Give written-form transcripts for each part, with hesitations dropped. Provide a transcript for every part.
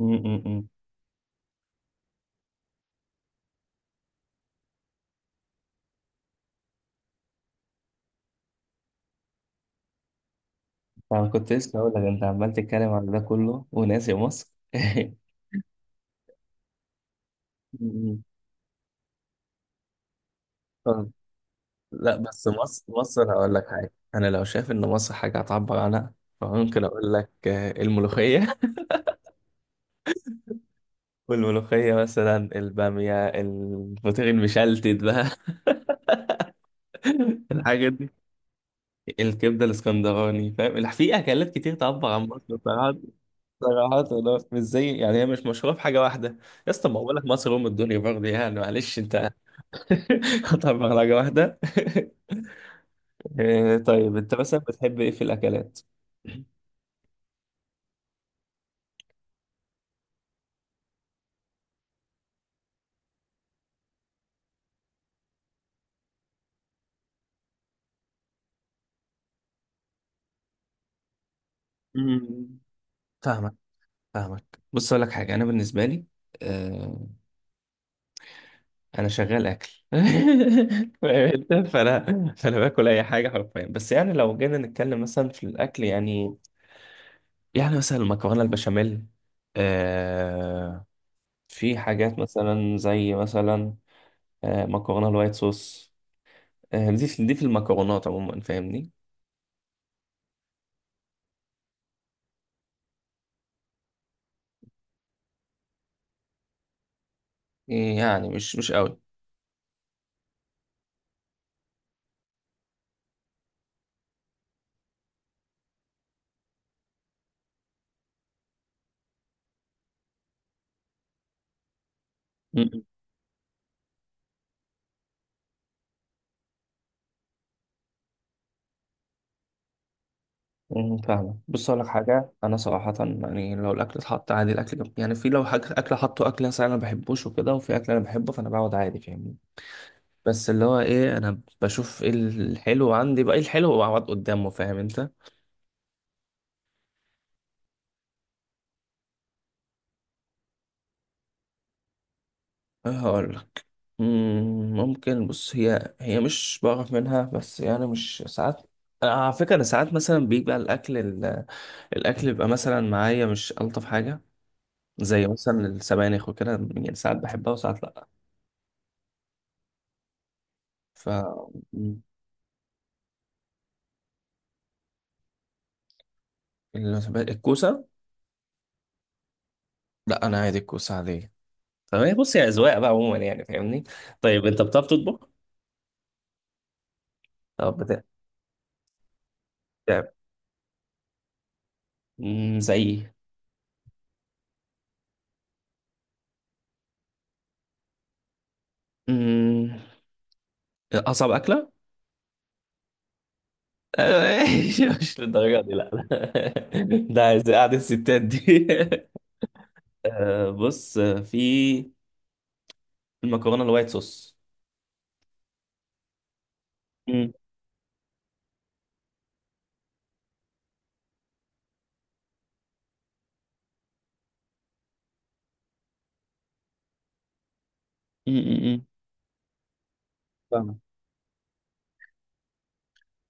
امم انا كنت لسه هقول لك انت عمال تتكلم على ده كله وناسي مصر. م-م. طب، لا بس مصر مصر هقول لك حاجه. انا لو شايف ان مصر حاجه هتعبر عنها فممكن اقول لك الملوخيه. والملوخيه مثلا الباميه الفطير المشلتت بقى. الحاجات دي الكبده الاسكندراني فاهم؟ لا، في اكلات كتير تعبر عن مصر صراحه. صراحه والله، مش زي يعني هي مش مشهوره في حاجه واحده. يا اسطى ما بقول لك مصر ام الدنيا برضه يعني معلش انت. قطع مهرجة واحدة. إيه، طيب انت مثلا بتحب ايه في الاكلات؟ مم. فاهمك فاهمك. بص اقول لك حاجه انا بالنسبه لي آه انا شغال اكل. فاهم أنت؟ فانا باكل اي حاجه حرفيا. بس يعني لو جينا نتكلم مثلا في الاكل يعني مثلا المكرونه البشاميل. آه في حاجات مثلا زي مثلا مكرونه الوايت صوص. دي في المكرونات عموما فاهمني. يعني مش قوي. مم. فاهمة. بص أقول لك حاجة أنا صراحة يعني لو الأكل اتحط عادي. يعني في لو حاجة أكل حطه أكل مثلا أنا ما بحبوش وكده وفي أكل أنا بحبه فأنا بقعد عادي فاهمني. بس اللي هو إيه أنا بشوف إيه الحلو عندي بقى إيه الحلو وأقعد قدامه فاهم أنت. هقول لك. ممكن بص هي مش بعرف منها بس يعني مش ساعات. أنا على فكرة أنا ساعات مثلا بيبقى الأكل بيبقى مثلا معايا مش ألطف حاجة. زي مثلا السبانخ وكده. يعني ساعات بحبها وساعات لأ. ف مم. الكوسة. لا انا عادي الكوسة عادية. تمام بص يا اذواق بقى عموما يعني فاهمني. طيب انت بتعرف تطبخ؟ طب بتعرف. زي إيه؟ مم، اصعب اكلة. آه، مش للدرجة دي لا لا. ده عايز قعدة الستات دي. بص في المكرونة الوايت صوص. مم. مم، مم، مم.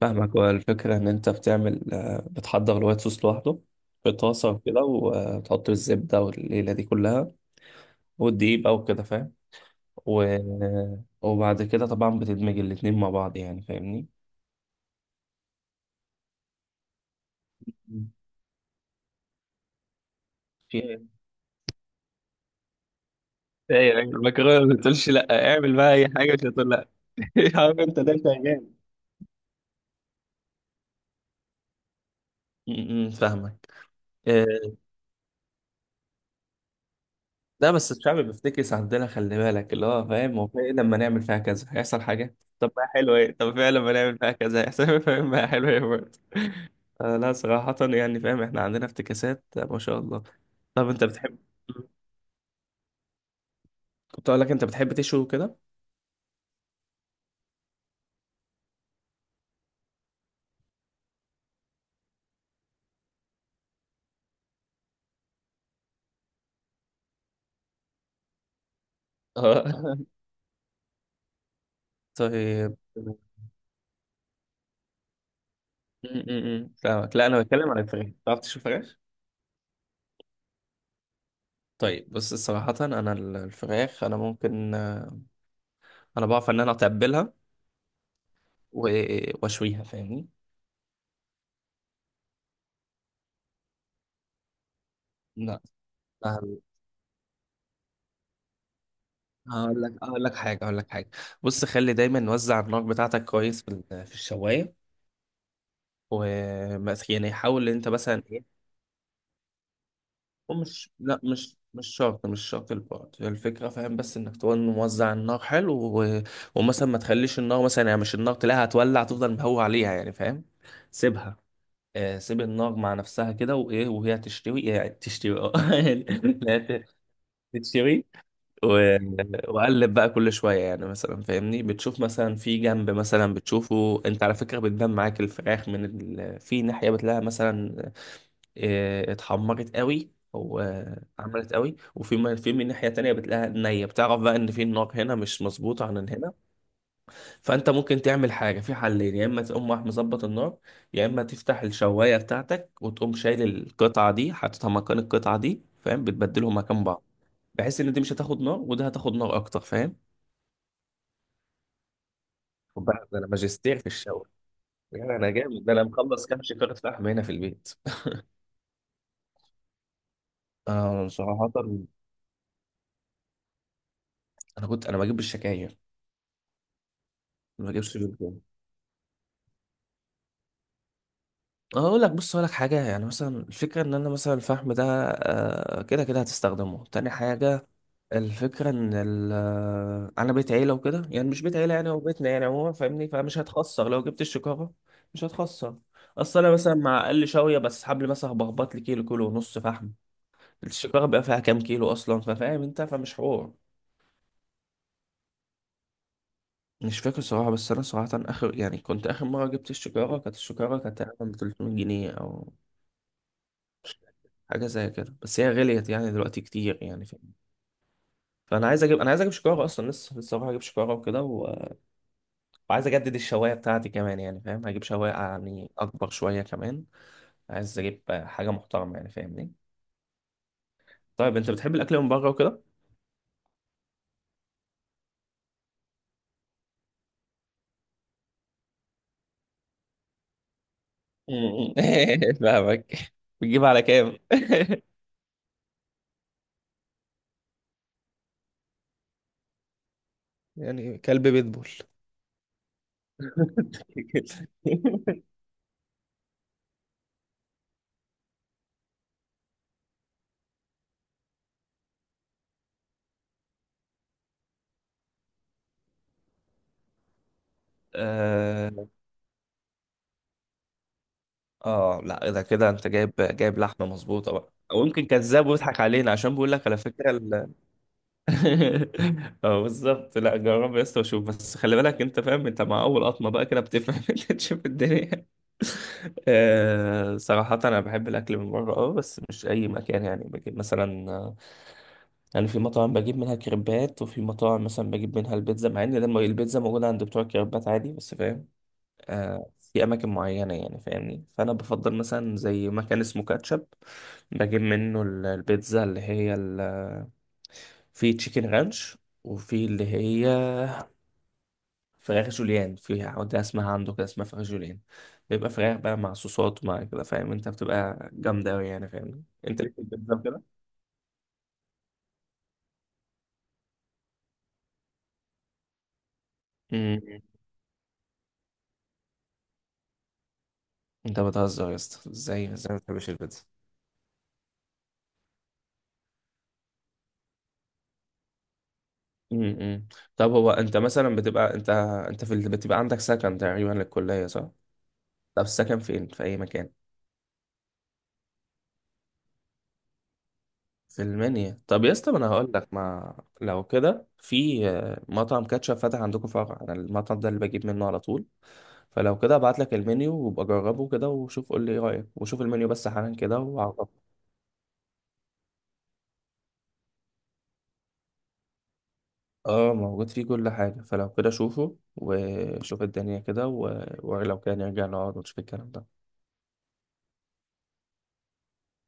فاهمك. هو الفكرة إن أنت بتعمل بتحضر الوايت صوص لوحده. في طاسة وكده وتحط الزبدة والليلة دي كلها والدقيق بقى وكده فاهم. و... وبعد كده طبعا بتدمج الاتنين مع بعض يعني فاهمني. مم. في ايه؟ إيه يا راجل المكرونه ما بتقولش لا اعمل بقى اي حاجه مش هتقول لا. عارف انت ده انت جامد. م- م، فاهمك. آه، لا بس الشعب بيفتكس عندنا خلي بالك اللي هو فاهم هو في إيه لما نعمل فيها كذا هيحصل حاجة طب ما حلو ايه طب فعلا ما نعمل بقى كذا احسن. فاهم بقى حلو. آه لا صراحة يعني فاهم احنا عندنا افتكاسات ما شاء الله. طب انت بتحب؟ كنت اقول لك انت بتحب تشوي كده؟ اه. طيب م- م- م. فاهمك. لا انا بتكلم عن الفراخ. بتعرف تشوي فراخ؟ طيب بص صراحة انا الفراخ انا ممكن انا بعرف ان انا اتبلها واشويها فاهمني. لا سهل. هقول لك حاجة. بص خلي دايما نوزع النار بتاعتك كويس في الشواية. ومثلا يعني حاول ان انت مثلا. لا مش شرط مش شرط البعد هي الفكرة فاهم بس انك تكون موزع النار حلو. و... ومثلا ما تخليش النار مثلا يعني مش النار تلاقيها هتولع تفضل مهوي عليها يعني فاهم. سيبها. سيب النار مع نفسها كده وايه وهي تشتوي يعني تشتوي اه. لا، تشتوي. و... وقلب بقى كل شويه يعني مثلا فاهمني بتشوف مثلا في جنب مثلا بتشوفه انت على فكره بتبان معاك الفراخ في ناحيه بتلاقيها مثلا اتحمرت قوي او عملت قوي وفي في من ناحيه تانية بتلاقيها نيه بتعرف بقى ان في النار هنا مش مظبوطه عن هنا. فانت ممكن تعمل حاجه في حلين يا اما تقوم رايح مظبط النار يا اما تفتح الشوايه بتاعتك وتقوم شايل القطعه دي حاططها مكان القطعه دي فاهم بتبدلهم مكان بعض بحيث ان دي مش هتاخد نار وده هتاخد نار اكتر فاهم. خد بالك ده انا ماجستير في الشاور. يعني انا جامد ده انا مخلص كام شكاره فحم هنا في البيت. انا صراحه انا كنت انا بجيب بالشكاير ما بجيبش بالجو. اقول لك بص اقول لك حاجه يعني مثلا الفكره ان انا مثلا الفحم ده كده كده هتستخدمه تاني حاجه. الفكره ان انا بيت عيله وكده يعني مش بيت عيله يعني هو بيتنا يعني عموما فاهمني فمش هتخسر لو جبت الشكاره. مش هتخسر. اصل انا مثلا مع اقل شويه بس حبل مثلا بخبط لي كيلو كيلو ونص فحم. السيجارة بقى فيها كام كيلو أصلا ففاهم أنت فمش حوار. مش فاكر صراحة بس أنا صراحة آخر يعني كنت آخر مرة جبت السيجارة كانت السيجارة كانت تقريبا 300 جنيه أو حاجة زي كده بس هي غليت يعني دلوقتي كتير يعني فاهم. فأنا عايز أجيب شيكارة أصلا لسه هروح أجيب شيكارة وكده وعايز أجدد الشواية بتاعتي كمان يعني فاهم هجيب شواية يعني أكبر شوية كمان. عايز أجيب حاجة محترمة يعني فاهمني. طيب أنت بتحب الأكل من بره وكده؟ فاهمك. بتجيب على كام؟ يعني كلب بيتبول اه. لا اذا كده انت جايب لحمه مظبوطه بقى او يمكن كذاب ويضحك علينا عشان بيقول لك على فكره اه بالظبط لا جرب يا اسطى وشوف بس خلي بالك انت فاهم انت مع اول قطمه بقى كده بتفهم. انت تشوف الدنيا. صراحه انا بحب الاكل من بره بس مش اي مكان يعني بجيب مثلا يعني في مطاعم بجيب منها كريبات وفي مطاعم مثلا بجيب منها البيتزا مع ان لما البيتزا موجوده عند بتوع الكريبات عادي بس فاهم. في اماكن معينه يعني فاهمني فانا بفضل مثلا زي مكان اسمه كاتشب بجيب منه البيتزا اللي هي في تشيكن رانش وفي اللي هي فراخ جوليان في عودة اسمها عنده كده اسمها فراخ جوليان. بيبقى فراخ بقى مع صوصات ومع كده فاهم انت بتبقى جامدة أوي يعني فاهمني. انت ليك في البيتزا كده؟ امم انت بتهزر يا اسطى ازاي ازاي ما بتحبش البيتزا؟ امم طب هو انت مثلا بتبقى انت انت في بتبقى عندك سكن تقريبا للكلية صح؟ طب السكن فين في اي مكان؟ في المنيا. طب يا اسطى ما انا هقول لك ما لو كده في مطعم كاتشب فاتح عندكم فرع انا المطعم ده اللي بجيب منه على طول. فلو كده ابعت لك المنيو وابقى جربه كده وشوف قول لي ايه رايك وشوف المنيو بس حالا كده وعرفني. اه موجود فيه كل حاجه فلو كده شوفه وشوف الدنيا كده ولو كان نرجع نقعد ونشوف الكلام ده.